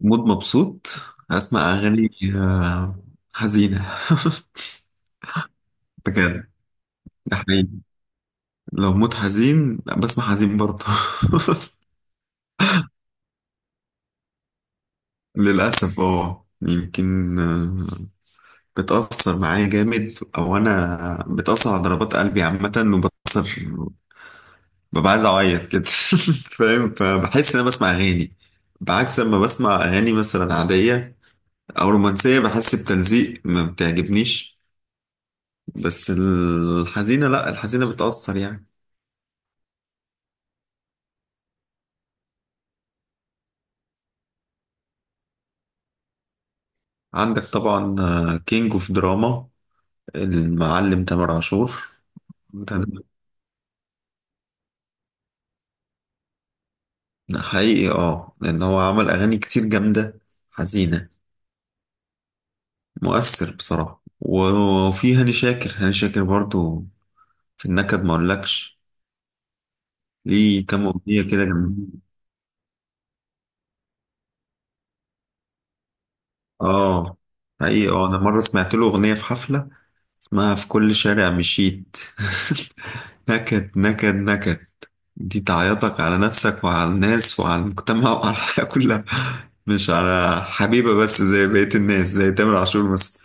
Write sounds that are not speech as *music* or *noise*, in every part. مود مبسوط، هسمع أغاني آه، حزينة. *laughs* بجد، ده حقيقي. لو مود حزين بسمع حزين برضه. *laughs* للأسف يمكن، بتأثر معايا جامد، أو أنا بتأثر على ضربات قلبي عامة وبتأثر، ببقى عايز أعيط كده. *laughs* فاهم؟ فبحس إن أنا بسمع أغاني بعكس لما بسمع أغاني مثلا عادية أو رومانسية، بحس بتلزيق، ما بتعجبنيش. بس الحزينة لأ، الحزينة بتأثر يعني. عندك طبعا، كينج اوف دراما، المعلم تامر عاشور. ده حقيقي، اه، لان هو عمل اغاني كتير جامده حزينه، مؤثر بصراحه. وفي هاني شاكر، هاني شاكر برضو في النكد ما اقولكش، ليه كام اغنيه كده جامدين. اه حقيقي، اه، انا مره سمعت له اغنيه في حفله اسمها في كل شارع مشيت. *laughs* نكد نكد نكد، دي تعيطك على نفسك وعلى الناس وعلى المجتمع وعلى الحياة كلها، مش على حبيبة بس زي بقية الناس زي تامر عاشور مثلا.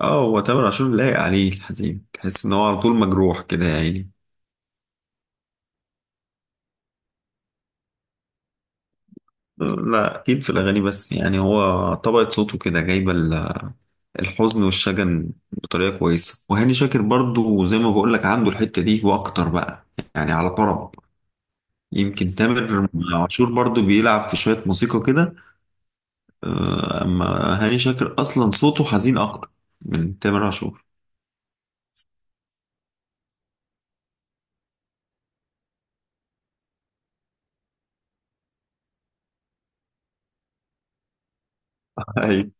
اه، هو تامر عاشور لايق عليه الحزين، تحس ان هو على طول مجروح كده يا عيني. لا، اكيد في الاغاني بس، يعني هو طبقة صوته كده جايبة الحزن والشجن بطريقة كويسة. وهاني شاكر برضو زي ما بقول لك عنده الحتة دي واكتر بقى، يعني على طرب. يمكن تامر عاشور برضو بيلعب في شوية موسيقى كده، اما هاني شاكر اصلا صوته حزين اكتر من تامر عاشور. ايوه،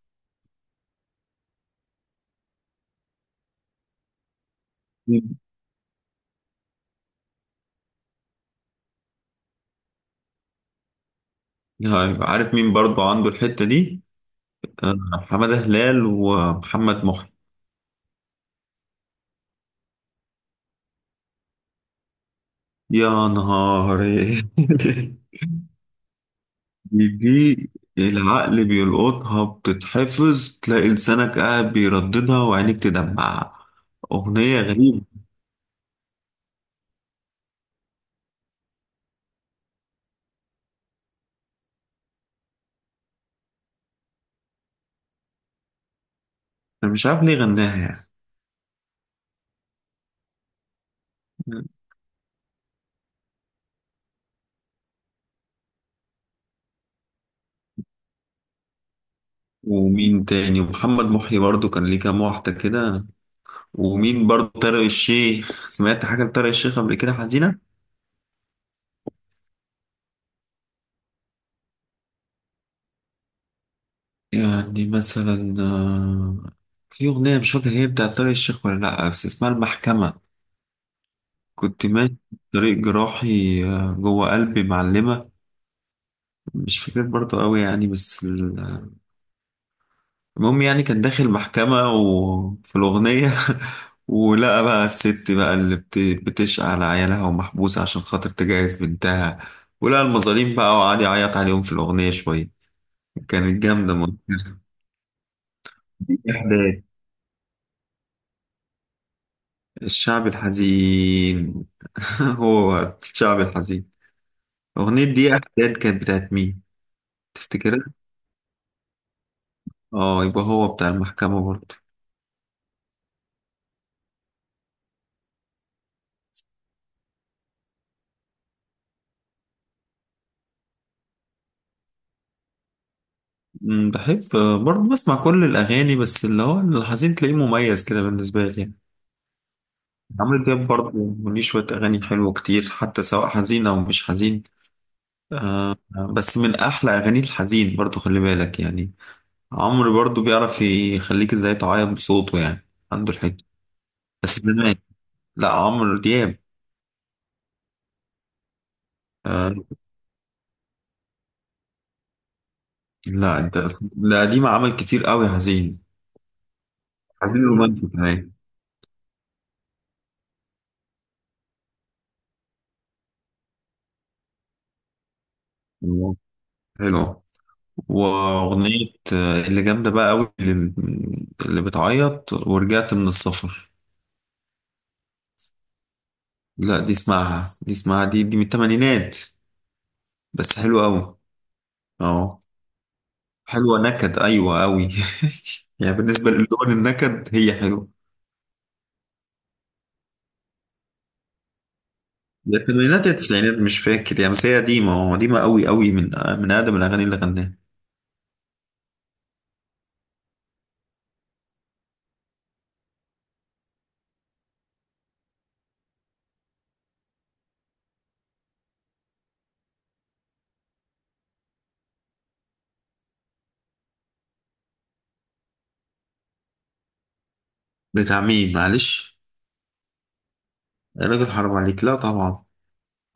أيوة. عارف مين برضو عنده الحتة دي؟ آه، حمادة هلال ومحمد محي. يا نهار! *laughs* دي العقل بيلقطها، بتتحفظ، تلاقي لسانك قاعد بيرددها وعينيك تدمع. أغنية غريبة، أنا مش عارف ليه غناها يعني. ومين تاني؟ ومحمد محي برضو كان ليه كام واحدة كده. ومين برضو؟ طارق الشيخ، سمعت حاجة لطارق الشيخ قبل كده حزينة. يعني مثلا، في أغنية مش فاكر هي بتاعت طارق الشيخ ولا لأ، بس اسمها المحكمة. كنت ماشي في طريق جراحي، جوه قلبي معلمة. مش فاكر برضو قوي يعني، بس المهم، يعني كان داخل محكمة وفي الأغنية، *laughs* ولقى بقى الست بقى اللي بتشقى على عيالها ومحبوسة عشان خاطر تجهز بنتها، ولقى المظالم بقى وقعد يعيط عليهم في الأغنية شوية. كانت جامدة مؤخرا. إحداث الشعب الحزين. *laughs* هو الشعب الحزين. أغنية دي إحداد كانت بتاعت مين؟ تفتكرها؟ اه، يبقى هو بتاع المحكمة برضه. أمم، بحب برضه بسمع كل الأغاني، بس اللي هو الحزين تلاقيه مميز كده بالنسبة لي يعني. عمرو دياب برضه ليه شوية أغاني حلوة كتير حتى، سواء حزين أو مش حزين. آه، بس من أحلى أغاني الحزين برضه، خلي بالك يعني. عمرو برضه بيعرف يخليك إزاي تعيط بصوته يعني. عنده الحتة بس زمان. لا، عمرو دياب. آه لا، انت ده قديم عمل كتير قوي حزين، حزين رومانسي كمان. الله، حلو. واغنية، اللي جامدة بقى قوي، اللي بتعيط، ورجعت من السفر. لا، دي اسمعها، دي من الثمانينات، بس حلوة قوي. اه حلوة نكد، ايوه قوي. *laughs* يعني بالنسبة للون النكد هي حلوة. يا الثمانينات يا التسعينات، مش فاكر يعني، بس هي قديمة، اه قديمة قوي قوي، من من أقدم الأغاني اللي غناها. بتاع مين معلش؟ يا راجل حرام عليك! لا طبعا،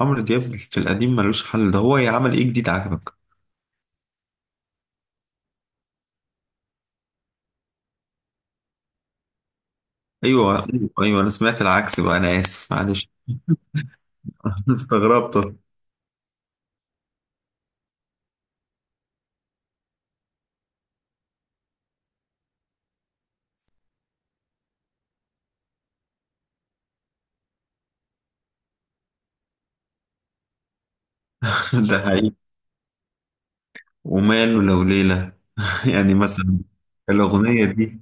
عمرو دياب في القديم ملوش حل، ده هو يعمل ايه جديد عجبك؟ ايوه ايوه أيوة، انا سمعت العكس بقى، انا اسف معلش. *laughs* استغربت. ده حقيقي، وماله لو ليلة، *laughs* يعني مثلا، الأغنية دي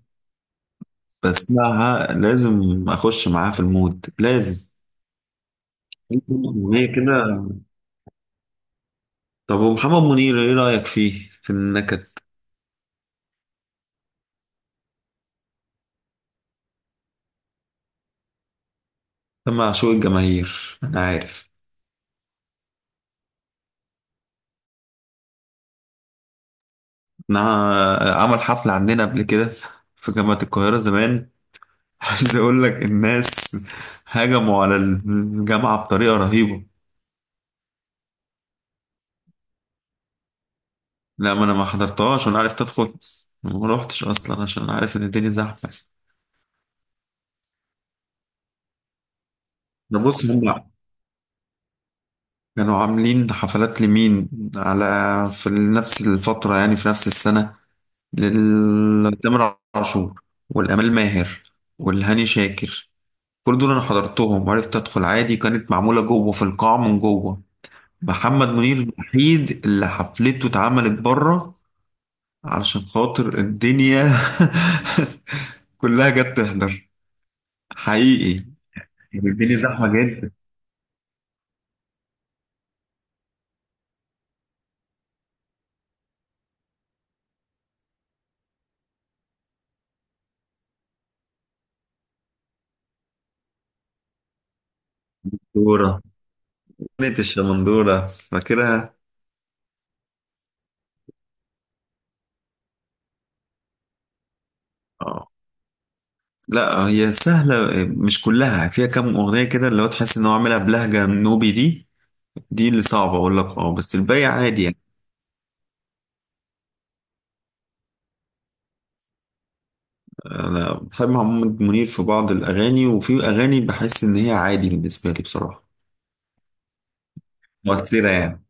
بسمعها لازم أخش معاها في المود، لازم. أغنية كده. طب ومحمد منير إيه رأيك فيه في النكد؟ ده معشوق الجماهير أنا عارف. أنا عمل حفلة عندنا قبل كده في جامعة القاهرة زمان، عايز اقول لك الناس هجموا على الجامعة بطريقة رهيبة. لا، ما انا ما حضرتهاش، وانا عرفت ادخل، ما روحتش اصلا عشان عارف ان الدنيا زحمة. ده بص، هم كانوا عاملين حفلات لمين، على، في نفس الفترة يعني في نفس السنة، لتامر عاشور والأمال ماهر والهاني شاكر، كل دول انا حضرتهم وعرفت ادخل عادي، كانت معمولة جوه في القاعة من جوه. محمد منير الوحيد اللي حفلته اتعملت بره علشان خاطر الدنيا *laughs* كلها جت تحضر، حقيقي، يعني الدنيا زحمة جدا. دورة، كانت الشمندورة فاكرها. اه، لا هي سهلة، مش كلها، فيها كام أغنية كده اللي هو تحس إن هو عاملها بلهجة نوبي، دي دي اللي صعبة، أقول لك اه، بس الباقي عادي يعني. أنا بحب محمد منير في بعض الأغاني، وفي أغاني بحس إن هي عادي بالنسبة لي بصراحة. مؤثرة يعني.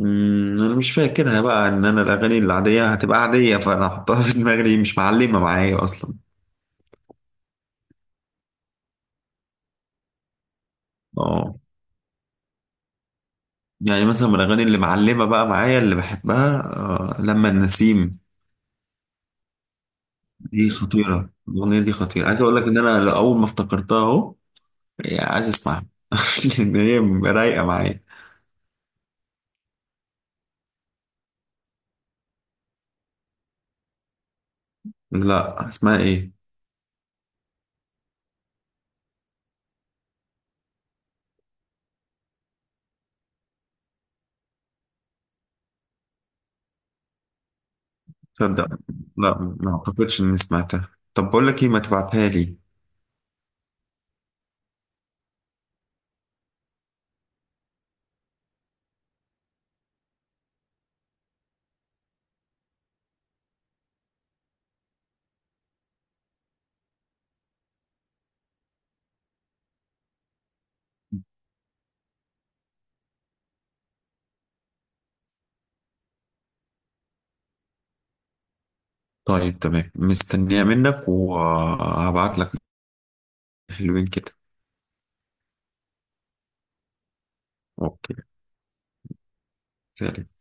امم، انا مش فاكرها بقى، ان انا الاغاني العاديه هتبقى عاديه، فانا احطها في دماغي ليه؟ مش معلمه معايا اصلا. اه، يعني مثلا من الاغاني اللي معلمه بقى معايا اللي بحبها، لما النسيم. دي خطيره، الاغنيه دي خطيره، عايز اقول لك ان انا اول ما افتكرتها اهو، يعني عايز اسمعها، *laughs* لان هي رايقه معايا. لا، اسمها ايه؟ تصدق، لا ما اعتقدش اني سمعتها. طب بقول لك ايه، ما تبعتها لي. طيب تمام، مستنيها منك وهبعت لك. حلوين كده. اوكي، سلام.